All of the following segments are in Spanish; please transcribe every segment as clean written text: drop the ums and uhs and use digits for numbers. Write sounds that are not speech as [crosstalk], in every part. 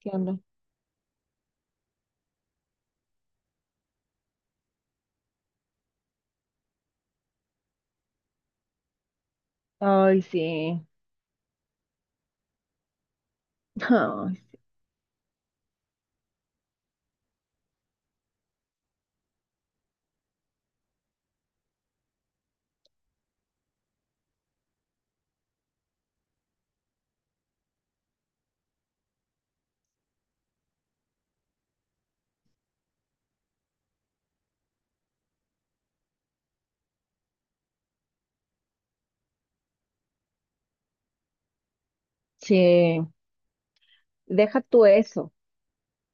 ¿Qué onda? Ay, sí. [laughs] Ay, sí. Deja tú eso.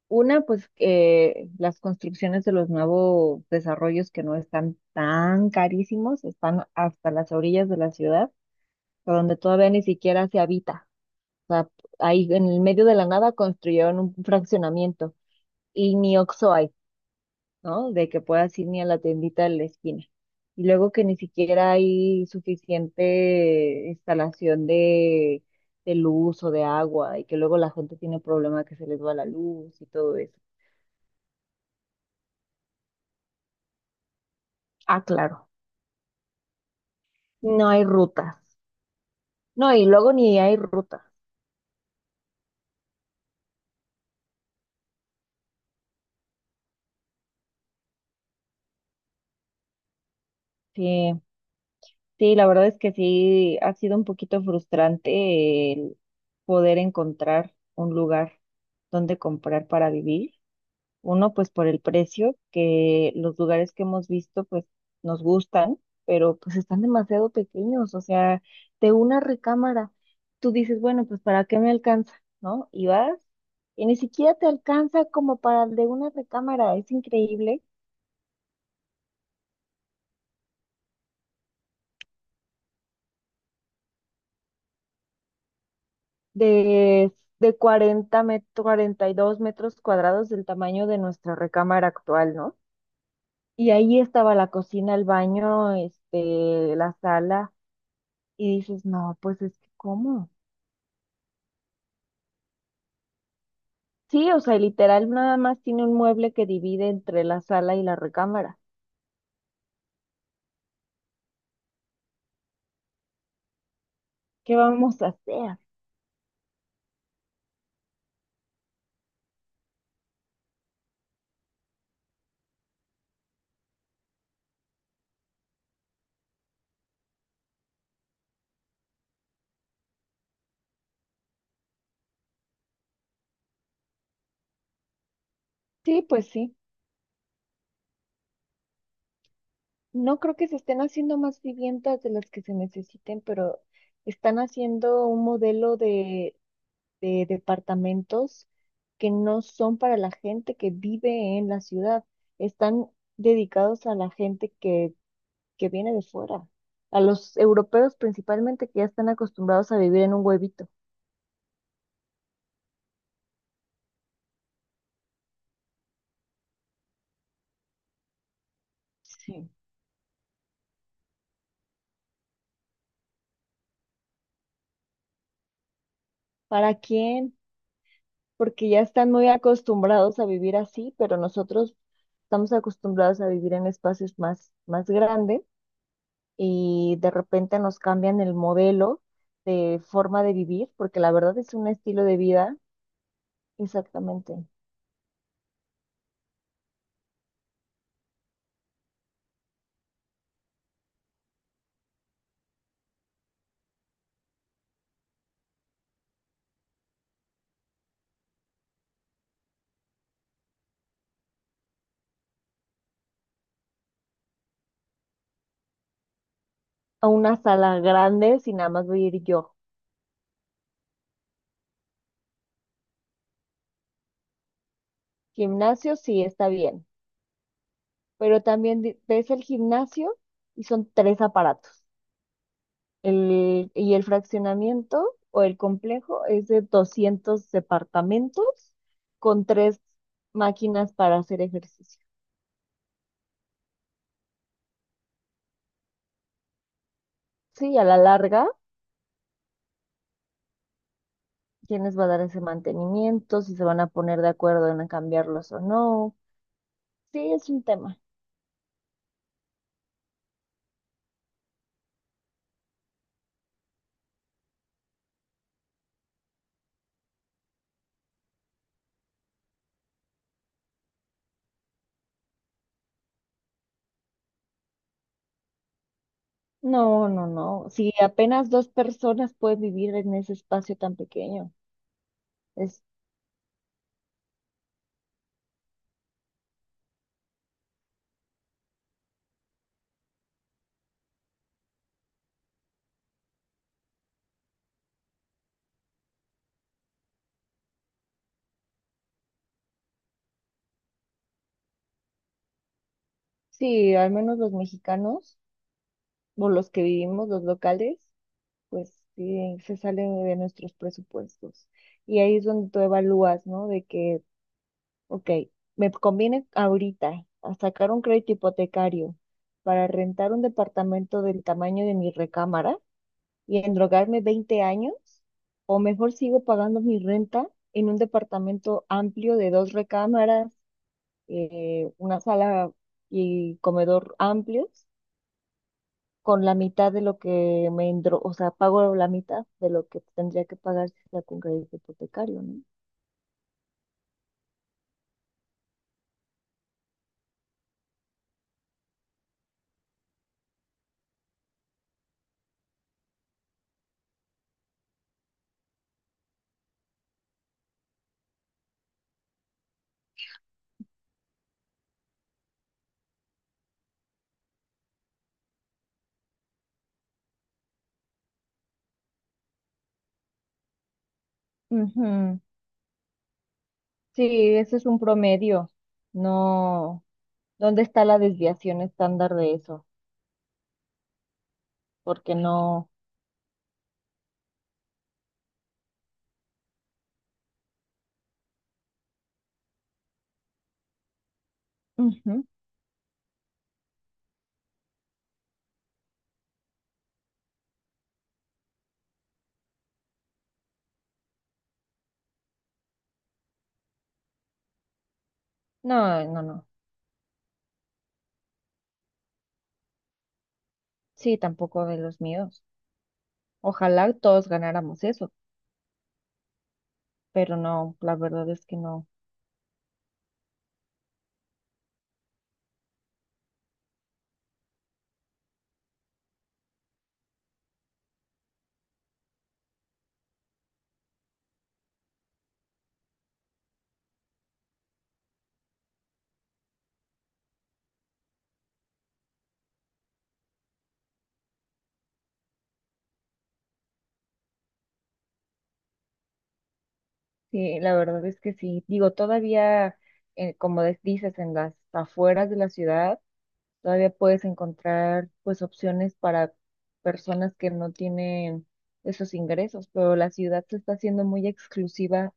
Una, pues que las construcciones de los nuevos desarrollos que no están tan carísimos, están hasta las orillas de la ciudad, a donde todavía ni siquiera se habita. O sea, ahí en el medio de la nada construyeron un fraccionamiento y ni Oxo hay. ¿No? De que puedas ir ni a la tiendita de la esquina. Y luego que ni siquiera hay suficiente instalación de luz o de agua y que luego la gente tiene problema que se les va la luz y todo eso. Ah, claro, no hay rutas. No, y luego ni hay rutas. Sí, sí, la verdad es que sí ha sido un poquito frustrante el poder encontrar un lugar donde comprar para vivir. Uno, pues por el precio, que los lugares que hemos visto, pues nos gustan, pero pues están demasiado pequeños, o sea, de una recámara, tú dices, bueno, pues ¿para qué me alcanza? ¿No? Y vas, y ni siquiera te alcanza como para el de una recámara, es increíble, de, de 42 metros cuadrados del tamaño de nuestra recámara actual, ¿no? Y ahí estaba la cocina, el baño, este, la sala, y dices, no, pues es que, ¿cómo? Sí, o sea, literal nada más tiene un mueble que divide entre la sala y la recámara. ¿Qué vamos a hacer? Sí, pues sí. No creo que se estén haciendo más viviendas de las que se necesiten, pero están haciendo un modelo de departamentos que no son para la gente que vive en la ciudad. Están dedicados a la gente que, viene de fuera, a los europeos principalmente que ya están acostumbrados a vivir en un huevito. Sí. ¿Para quién? Porque ya están muy acostumbrados a vivir así, pero nosotros estamos acostumbrados a vivir en espacios más, más grandes y de repente nos cambian el modelo de forma de vivir, porque la verdad es un estilo de vida, exactamente, a una sala grande si nada más voy a ir yo. Gimnasio sí está bien, pero también di- ves el gimnasio y son tres aparatos. El, y el fraccionamiento o el complejo es de 200 departamentos con tres máquinas para hacer ejercicio. Sí, a la larga, quiénes va a dar ese mantenimiento, si se van a poner de acuerdo en cambiarlos o no. Sí, es un tema. No, no, no. Si apenas dos personas pueden vivir en ese espacio tan pequeño. Es, sí, al menos los mexicanos o los que vivimos, los locales. Pues sí, se sale de nuestros presupuestos. Y ahí es donde tú evalúas, ¿no? De que, ok, me conviene ahorita a sacar un crédito hipotecario para rentar un departamento del tamaño de mi recámara y endrogarme 20 años, o mejor sigo pagando mi renta en un departamento amplio de dos recámaras, una sala y comedor amplios con la mitad de lo que me entró, o sea, pago la mitad de lo que tendría que pagar si está con crédito hipotecario, ¿no? Ujú. Sí, ese es un promedio. No, ¿dónde está la desviación estándar de eso? Porque no, ujú. No, no, no. Sí, tampoco de los míos. Ojalá todos ganáramos eso, pero no, la verdad es que no. Sí, la verdad es que sí. Digo, todavía, como des- dices, en las afueras de la ciudad todavía puedes encontrar pues opciones para personas que no tienen esos ingresos, pero la ciudad se está haciendo muy exclusiva,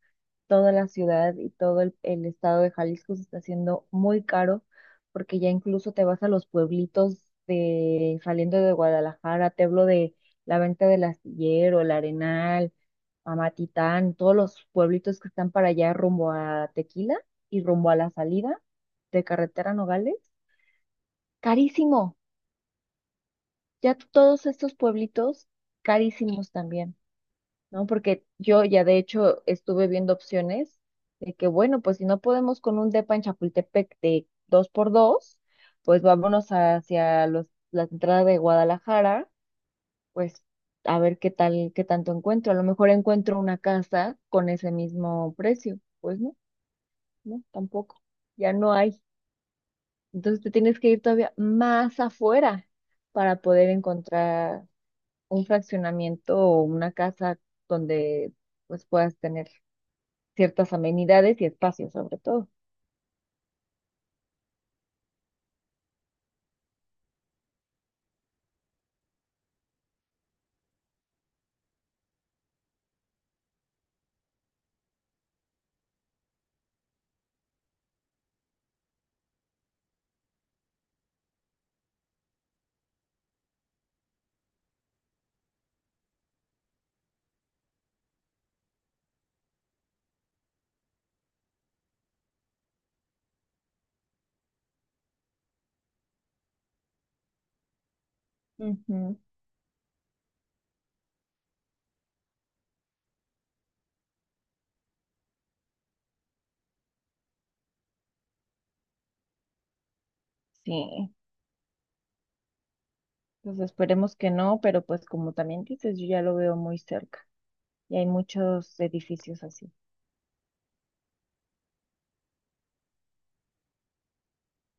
toda la ciudad y todo el estado de Jalisco se está haciendo muy caro, porque ya incluso te vas a los pueblitos de saliendo de Guadalajara, te hablo de la venta del astillero, el Arenal, Amatitán, todos los pueblitos que están para allá rumbo a Tequila y rumbo a la salida de carretera Nogales. Carísimo, ya todos estos pueblitos carísimos también, ¿no? Porque yo ya de hecho estuve viendo opciones de que, bueno, pues si no podemos con un depa en Chapultepec de dos por dos, pues vámonos hacia la entrada de Guadalajara, pues a ver qué tal, qué tanto encuentro. A lo mejor encuentro una casa con ese mismo precio. Pues no, no, tampoco. Ya no hay. Entonces te tienes que ir todavía más afuera para poder encontrar un fraccionamiento o una casa donde pues puedas tener ciertas amenidades y espacios sobre todo. Ujú. Sí, pues esperemos que no, pero pues como también dices, yo ya lo veo muy cerca y hay muchos edificios así.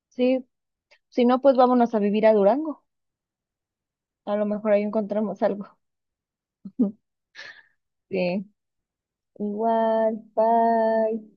Sí, si no, pues vámonos a vivir a Durango. A lo mejor ahí encontramos algo. [laughs] Sí, igual, bye.